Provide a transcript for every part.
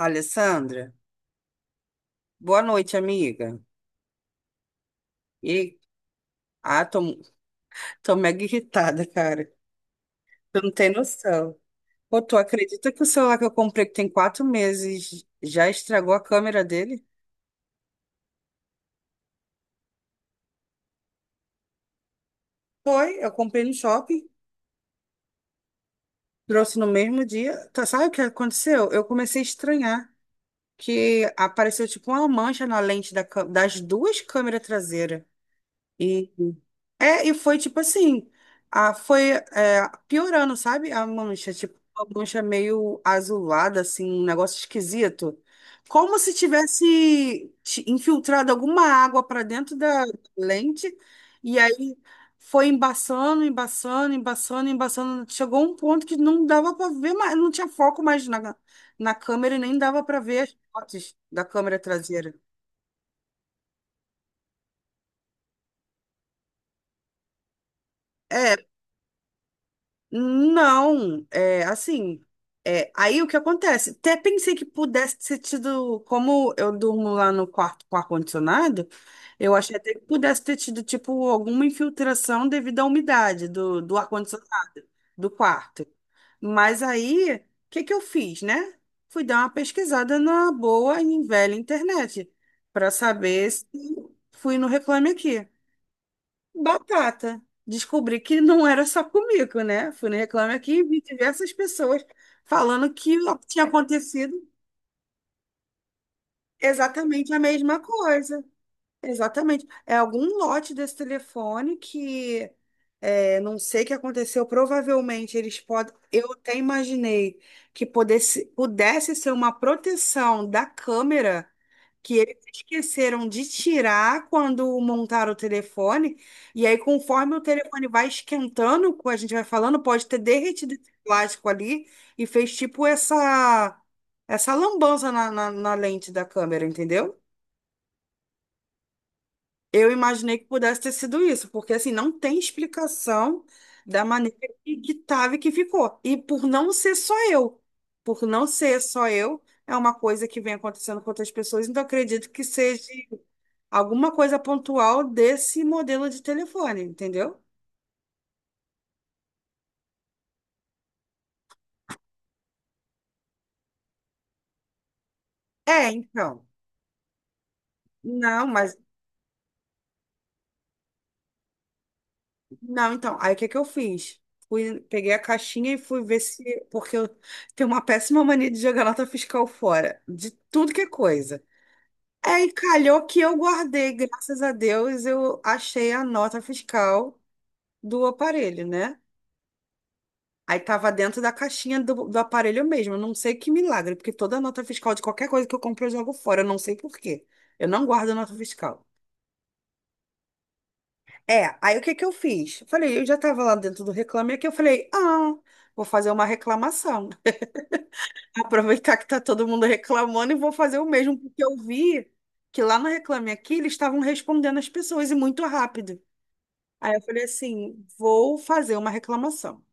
Alessandra, boa noite, amiga. E, ah, tô, tô mega irritada, cara. Tu não tem noção. Pô, tu acredita que o celular que eu comprei, que tem 4 meses, já estragou a câmera dele? Foi, eu comprei no shopping, trouxe no mesmo dia. Tá, sabe o que aconteceu? Eu comecei a estranhar que apareceu tipo uma mancha na lente das duas câmeras traseiras e e foi tipo assim, foi piorando, sabe? A mancha, tipo, uma mancha meio azulada, assim, um negócio esquisito. Como se tivesse infiltrado alguma água para dentro da lente, e aí foi embaçando. Chegou um ponto que não dava para ver mais, não tinha foco mais na câmera e nem dava para ver as fotos da câmera traseira. É. Não, é assim. É, aí o que acontece? Até pensei que pudesse ter tido, como eu durmo lá no quarto com ar-condicionado, eu achei até que pudesse ter tido, tipo, alguma infiltração devido à umidade do ar-condicionado do quarto. Mas aí, o que que eu fiz, né? Fui dar uma pesquisada na boa e velha internet para saber se fui no Reclame Aqui. Batata. Descobri que não era só comigo, né? Fui no Reclame Aqui e vi diversas pessoas falando que tinha acontecido exatamente a mesma coisa. Exatamente. É algum lote desse telefone que é, não sei o que aconteceu. Provavelmente eles podem. Eu até imaginei que pudesse ser uma proteção da câmera que eles esqueceram de tirar quando montaram o telefone. E aí, conforme o telefone vai esquentando, como a gente vai falando, pode ter derretido esse plástico ali e fez tipo essa lambança na lente da câmera, entendeu? Eu imaginei que pudesse ter sido isso, porque assim, não tem explicação da maneira que tava e que ficou. E por não ser só eu, por não ser só eu, é uma coisa que vem acontecendo com outras pessoas, então acredito que seja alguma coisa pontual desse modelo de telefone, entendeu? É, então. Não, mas não, então. Aí o que é que eu fiz? Fui, peguei a caixinha e fui ver se, porque eu tenho uma péssima mania de jogar nota fiscal fora, de tudo que é coisa. Aí calhou que eu guardei, graças a Deus, eu achei a nota fiscal do aparelho, né? Aí tava dentro da caixinha do aparelho mesmo. Eu não sei que milagre, porque toda nota fiscal de qualquer coisa que eu compro eu jogo fora. Eu não sei por quê. Eu não guardo nota fiscal. É, aí o que que eu fiz? Eu falei, eu já tava lá dentro do Reclame Aqui, eu falei, ah, vou fazer uma reclamação. Aproveitar que tá todo mundo reclamando e vou fazer o mesmo, porque eu vi que lá no Reclame Aqui eles estavam respondendo as pessoas e muito rápido. Aí eu falei assim, vou fazer uma reclamação.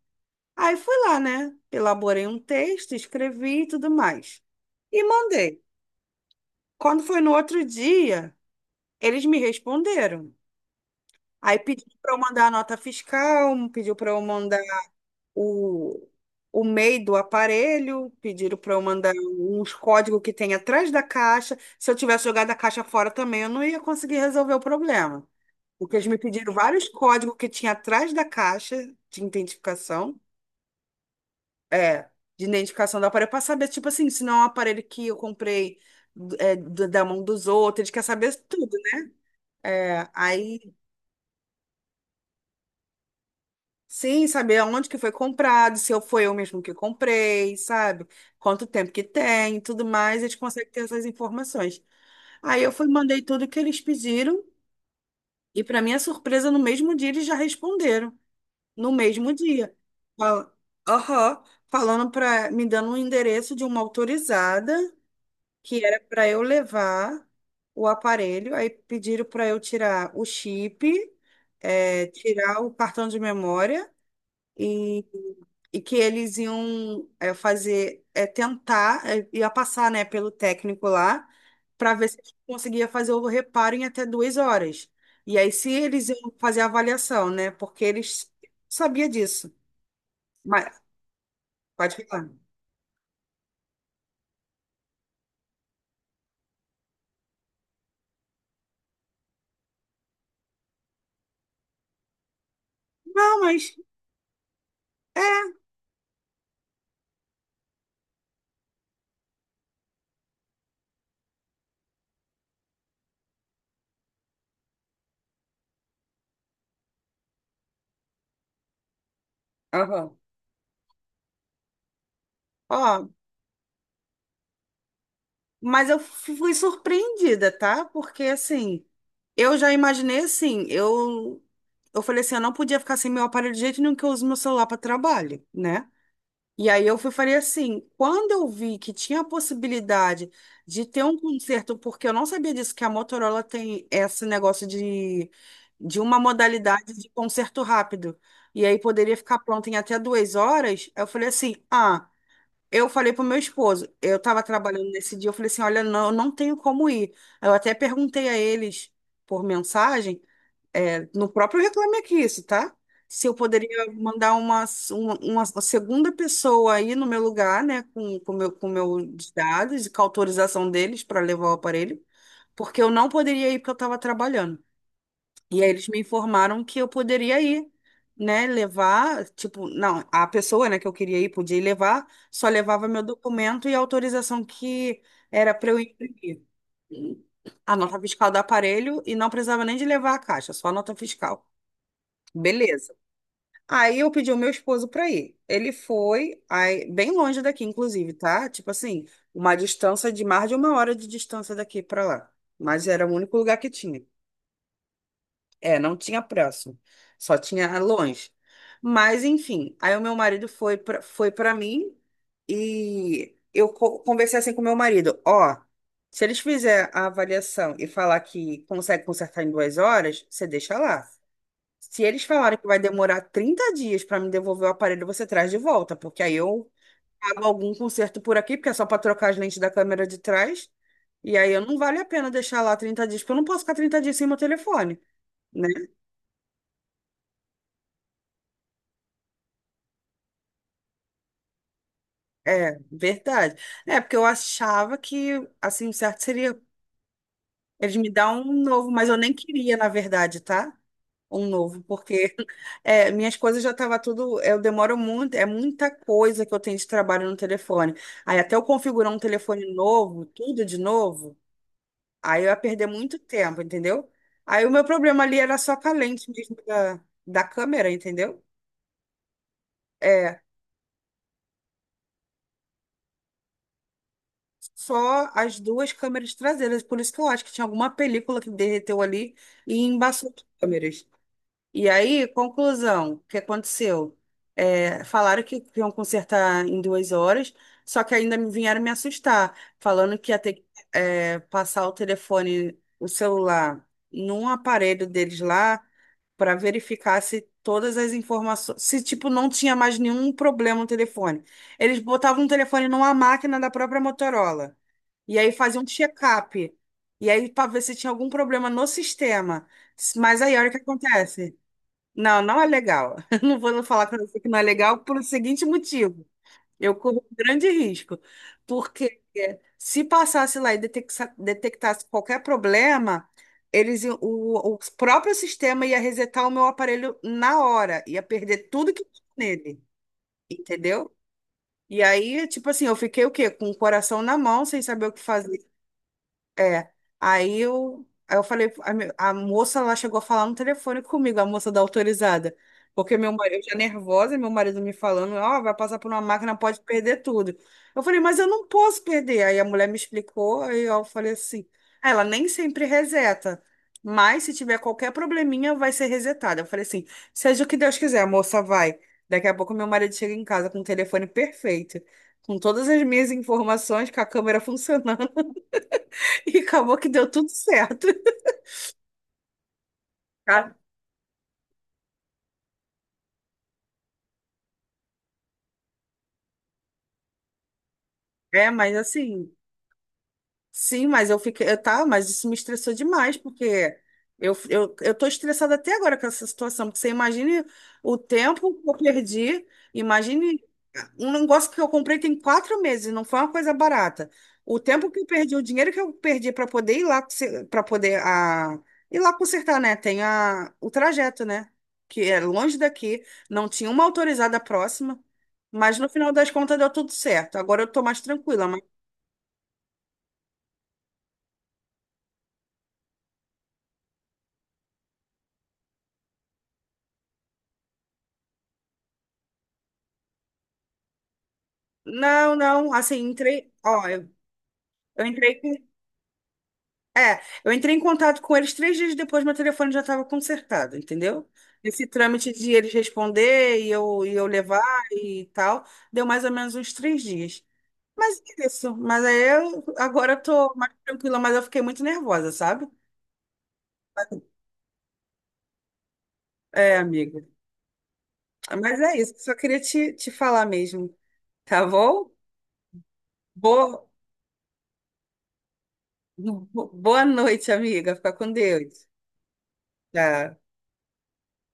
Aí fui lá, né? Elaborei um texto, escrevi e tudo mais. E mandei. Quando foi no outro dia, eles me responderam. Aí pediu para eu mandar a nota fiscal, pediu para eu mandar o, o MEI do aparelho, pediram para eu mandar uns códigos que tem atrás da caixa. Se eu tivesse jogado a caixa fora também, eu não ia conseguir resolver o problema. Porque eles me pediram vários códigos que tinha atrás da caixa de identificação. É, de identificação do aparelho, para saber, tipo assim, se não é um aparelho que eu comprei é, da mão dos outros, ele quer saber tudo, né? É, aí, sim, saber onde que foi comprado, se eu foi eu mesmo que comprei, sabe? Quanto tempo que tem, e tudo mais, eles conseguem ter essas informações. Aí eu fui, mandei tudo que eles pediram, e para minha surpresa, no mesmo dia eles já responderam, no mesmo dia. Fal- Aham, falando para, me dando um endereço de uma autorizada que era para eu levar o aparelho, aí pediram para eu tirar o chip, é, tirar o cartão de memória e, e que eles iam é, fazer, é, tentar, é, ia passar, né, pelo técnico lá para ver se conseguia fazer o reparo em até 2 horas. E aí se eles iam fazer a avaliação, né, porque eles sabia disso. Mas pode falar. Não, mas aham. Ó, mas eu fui surpreendida, tá? Porque assim, eu já imaginei assim, eu falei assim, eu não podia ficar sem meu aparelho de jeito nenhum que eu uso meu celular para trabalho, né? E aí eu fui falei assim, quando eu vi que tinha a possibilidade de ter um conserto, porque eu não sabia disso, que a Motorola tem esse negócio de uma modalidade de conserto rápido. E aí poderia ficar pronto em até 2 horas. Eu falei assim, ah, eu falei pro meu esposo, eu estava trabalhando nesse dia, eu falei assim, olha, não, eu não tenho como ir. Eu até perguntei a eles por mensagem, é, no próprio Reclame Aqui isso, tá? Se eu poderia mandar uma segunda pessoa aí no meu lugar, né, com meu, com meus dados e com a autorização deles para levar o aparelho, porque eu não poderia ir porque eu estava trabalhando. E aí eles me informaram que eu poderia ir, né? Levar, tipo, não, a pessoa, né, que eu queria ir podia ir levar, só levava meu documento e a autorização que era para eu imprimir. A nota fiscal do aparelho e não precisava nem de levar a caixa, só a nota fiscal. Beleza. Aí eu pedi o meu esposo para ir. Ele foi, aí, bem longe daqui, inclusive, tá? Tipo assim, uma distância de mais de 1 hora de distância daqui para lá. Mas era o único lugar que tinha. É, não tinha próximo, só tinha longe. Mas enfim, aí o meu marido foi para mim e eu conversei assim com o meu marido, ó, se eles fizerem a avaliação e falar que consegue consertar em 2 horas, você deixa lá. Se eles falarem que vai demorar 30 dias para me devolver o aparelho, você traz de volta, porque aí eu pago algum conserto por aqui, porque é só para trocar as lentes da câmera de trás, e aí eu não vale a pena deixar lá 30 dias, porque eu não posso ficar 30 dias sem meu telefone né? É, verdade. É, porque eu achava que, assim, o certo seria eles me dar um novo, mas eu nem queria, na verdade, tá? Um novo, porque é, minhas coisas já tava tudo. Eu demoro muito, é muita coisa que eu tenho de trabalho no telefone. Aí até eu configurar um telefone novo, tudo de novo, aí eu ia perder muito tempo, entendeu? Aí o meu problema ali era só com a lente mesmo da câmera, entendeu? É só as duas câmeras traseiras. Por isso que eu acho que tinha alguma película que derreteu ali e embaçou as câmeras. E aí, conclusão, o que aconteceu? É, falaram que iam consertar em duas horas, só que ainda me vieram me assustar, falando que ia ter que é, passar o telefone, o celular, num aparelho deles lá, para verificar se todas as informações, se tipo não tinha mais nenhum problema no telefone. Eles botavam o telefone numa máquina da própria Motorola. E aí faziam um check-up. E aí para ver se tinha algum problema no sistema. Mas aí olha o que acontece. Não, não é legal. Eu não vou falar com você que não é legal por o seguinte motivo. Eu corro um grande risco, porque é, se passasse lá e detectasse, detectasse qualquer problema, o próprio sistema ia resetar o meu aparelho na hora, ia perder tudo que tinha nele, entendeu? E aí, tipo assim, eu fiquei o quê? Com o coração na mão, sem saber o que fazer. É, aí eu falei, a moça lá chegou a falar no telefone comigo, a moça da autorizada, porque meu marido, eu já nervosa, meu marido me falando, ó, vai passar por uma máquina, pode perder tudo. Eu falei, mas eu não posso perder. Aí a mulher me explicou, aí eu falei assim, "Ah, ela nem sempre reseta, mas se tiver qualquer probleminha, vai ser resetada. Eu falei assim, seja o que Deus quiser, a moça vai. Daqui a pouco meu marido chega em casa com o telefone perfeito, com todas as minhas informações, com a câmera funcionando. E acabou que deu tudo certo. Tá? É, mas assim, sim, mas eu fiquei, eu, tá, mas isso me estressou demais, porque eu tô estressada até agora com essa situação, porque você imagine o tempo que eu perdi, imagine um negócio que eu comprei tem 4 meses, não foi uma coisa barata. O tempo que eu perdi, o dinheiro que eu perdi para poder ir lá, para poder a, ir lá consertar, né? Tem o trajeto, né? Que é longe daqui, não tinha uma autorizada próxima, mas no final das contas deu tudo certo. Agora eu tô mais tranquila. Não, não, assim, entrei, ó, eu entrei com, é, eu entrei em contato com eles 3 dias depois, meu telefone já estava consertado, entendeu? Esse trâmite de eles responder e eu levar e tal, deu mais ou menos uns 3 dias. Mas é isso, mas aí eu agora eu tô mais tranquila, mas eu fiquei muito nervosa, sabe? É, amigo. Mas é isso, só queria te falar mesmo, tá bom? Boa, boa noite, amiga, fica com Deus. Tchau.